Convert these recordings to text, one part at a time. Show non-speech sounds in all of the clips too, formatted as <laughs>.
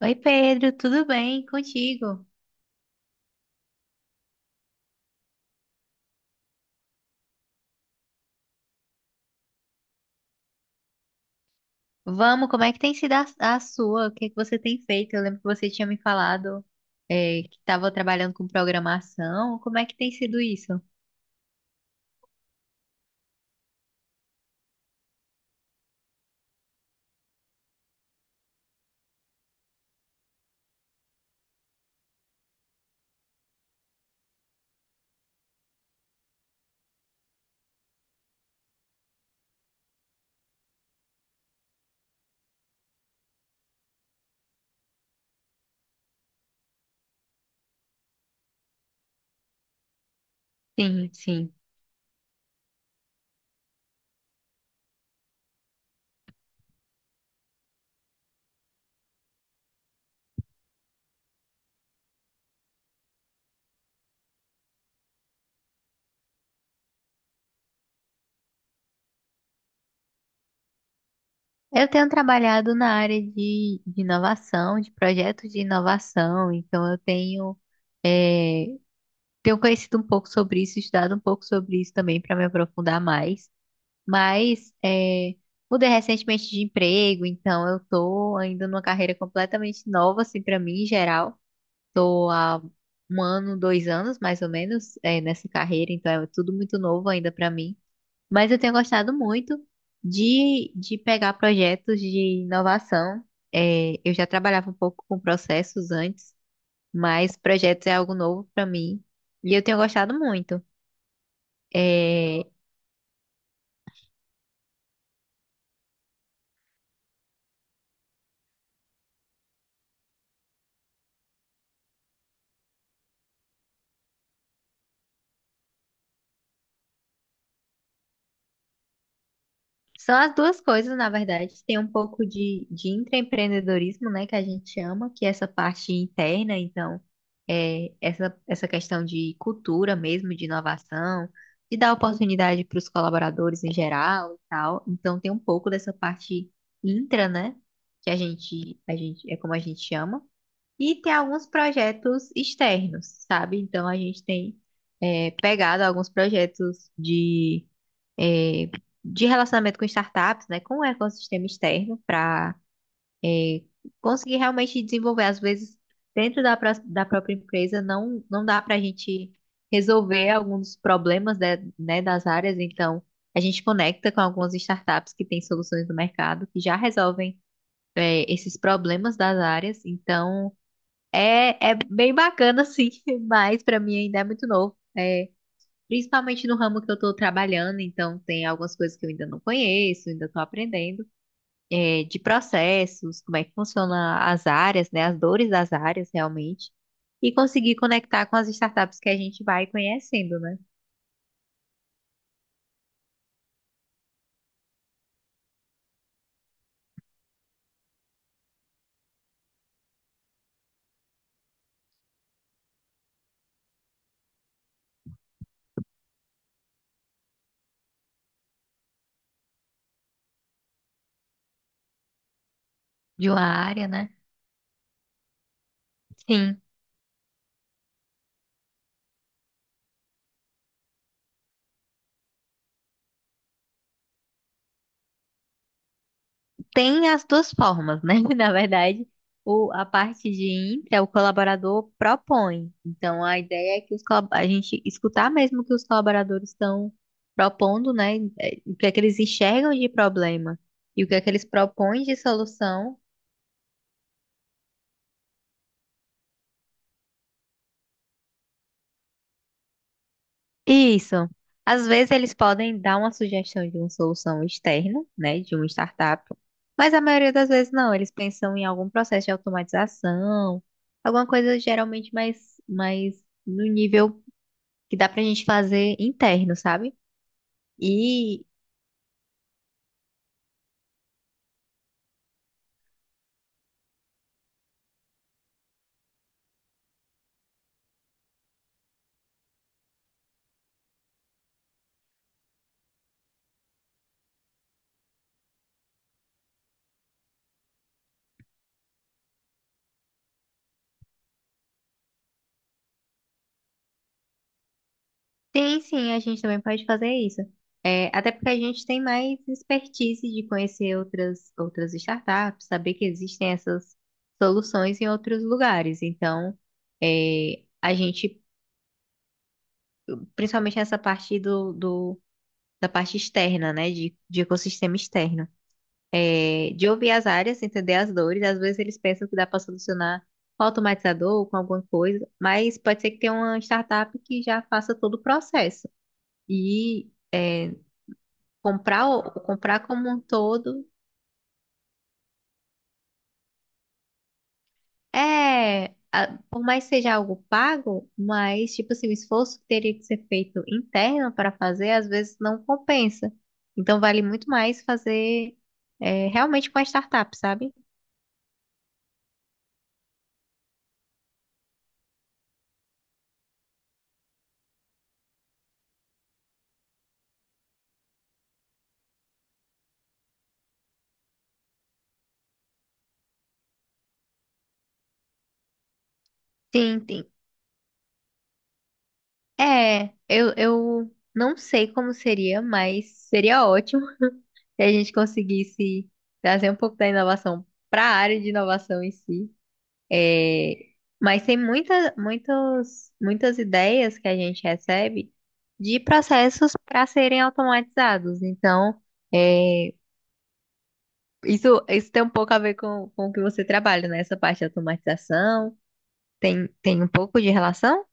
Oi Pedro, tudo bem contigo? Vamos, como é que tem sido a sua? O que é que você tem feito? Eu lembro que você tinha me falado que estava trabalhando com programação. Como é que tem sido isso? Sim, sim. Eu tenho trabalhado na área de inovação, de projetos de inovação, então é, tenho conhecido um pouco sobre isso, estudado um pouco sobre isso também para me aprofundar mais. Mas é, Mudei recentemente de emprego, então eu tô ainda numa carreira completamente nova, assim, para mim em geral. Tô há um ano, dois anos, mais ou menos, nessa carreira, então é tudo muito novo ainda para mim. Mas eu tenho gostado muito de pegar projetos de inovação. É, eu já trabalhava um pouco com processos antes, mas projetos é algo novo para mim e eu tenho gostado muito. É, São as duas coisas, na verdade. Tem um pouco de intraempreendedorismo, né, que a gente chama, que é essa parte interna, então, essa questão de cultura mesmo, de inovação, de dar oportunidade para os colaboradores em geral e tal. Então, tem um pouco dessa parte intra, né, que é como a gente chama. E tem alguns projetos externos, sabe? Então a gente tem pegado alguns projetos é, de relacionamento com startups, né? Com o ecossistema externo, para conseguir realmente desenvolver. Às vezes, dentro da própria empresa, não dá para a gente resolver alguns problemas né, das áreas. Então, a gente conecta com algumas startups que têm soluções no mercado, que já resolvem esses problemas das áreas. Então. É, é bem bacana, sim, <laughs> mas pra mim ainda é muito novo. É, principalmente no ramo que eu tô trabalhando, então tem algumas coisas que eu ainda não conheço, ainda tô aprendendo. É, de processos, como é que funciona as áreas, né? As dores das áreas, realmente. E conseguir conectar com as startups que a gente vai conhecendo, né? De uma área, né? Sim. Tem as duas formas, né? <laughs> Na verdade, a parte de intra, o colaborador propõe. Então, a ideia é que a gente escutar mesmo o que os colaboradores estão propondo, né? O que é que eles enxergam de problema e o que é que eles propõem de solução. Isso. Às vezes eles podem dar uma sugestão de uma solução externa, né, de uma startup, mas a maioria das vezes não. Eles pensam em algum processo de automatização, alguma coisa geralmente mais no nível que dá pra gente fazer interno, sabe? E tem sim, a gente também pode fazer isso. É, até porque a gente tem mais expertise de conhecer outras startups, saber que existem essas soluções em outros lugares. Então, é, a gente principalmente nessa parte da parte externa, né? De ecossistema externo. É, de ouvir as áreas, entender as dores. Às vezes eles pensam que dá para solucionar com automatizador ou com alguma coisa, mas pode ser que tenha uma startup que já faça todo o processo. E é, comprar, comprar como um todo. Por mais que seja algo pago, mas, tipo assim, o esforço que teria que ser feito interno para fazer, às vezes não compensa. Então, vale muito mais fazer realmente com a startup, sabe? Sim, sim. Eu não sei como seria, mas seria ótimo <laughs> se a gente conseguisse trazer um pouco da inovação para a área de inovação em si. É, mas tem muitas ideias que a gente recebe de processos para serem automatizados. Então, é, isso tem um pouco a ver com o que você trabalha, né? Essa parte de automatização tem, tem um pouco de relação?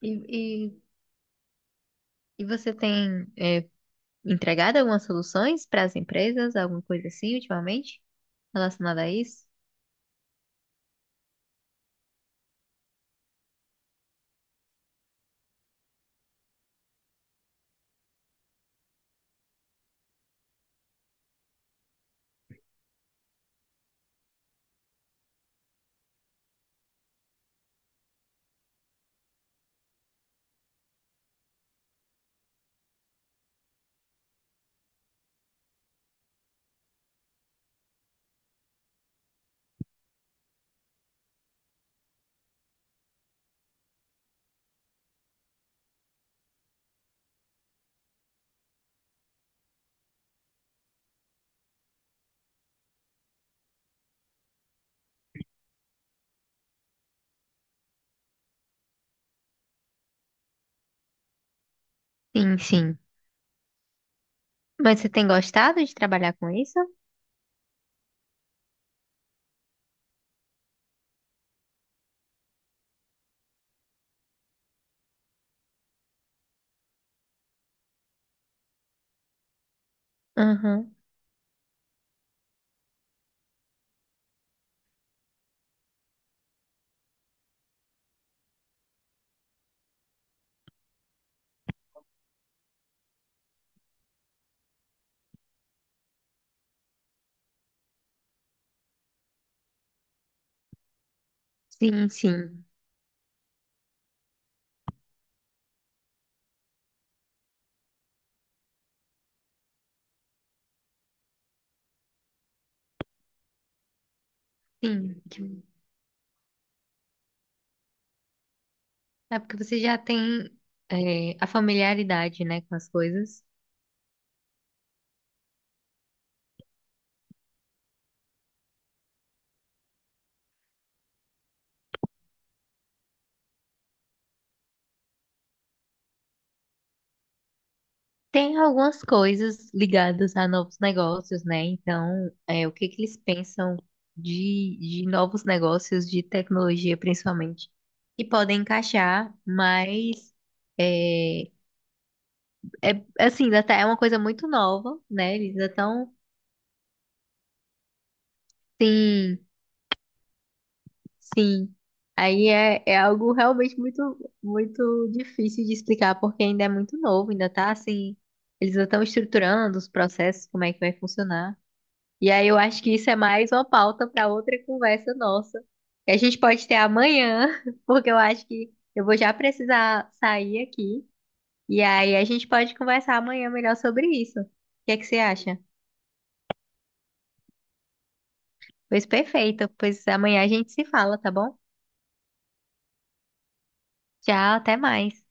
E, e, e você tem, é, entregado algumas soluções para as empresas, alguma coisa assim, ultimamente, relacionada a isso? Sim, sim. Mas você tem gostado de trabalhar com isso? Aham. Sim, sim. Sim. É porque você já tem a familiaridade, né, com as coisas. Tem algumas coisas ligadas a novos negócios, né? Então, é, o que que eles pensam de novos negócios, de tecnologia principalmente, que podem encaixar, mas é, é assim, é uma coisa muito nova, né? Eles ainda estão. Sim, aí é, é algo realmente muito difícil de explicar, porque ainda é muito novo, ainda tá assim, eles ainda estão estruturando os processos, como é que vai funcionar. E aí eu acho que isso é mais uma pauta para outra conversa nossa, que a gente pode ter amanhã, <laughs> porque eu acho que eu vou já precisar sair aqui, e aí a gente pode conversar amanhã melhor sobre isso. O que é que você acha? Pois perfeito, pois amanhã a gente se fala, tá bom? Tchau, até mais.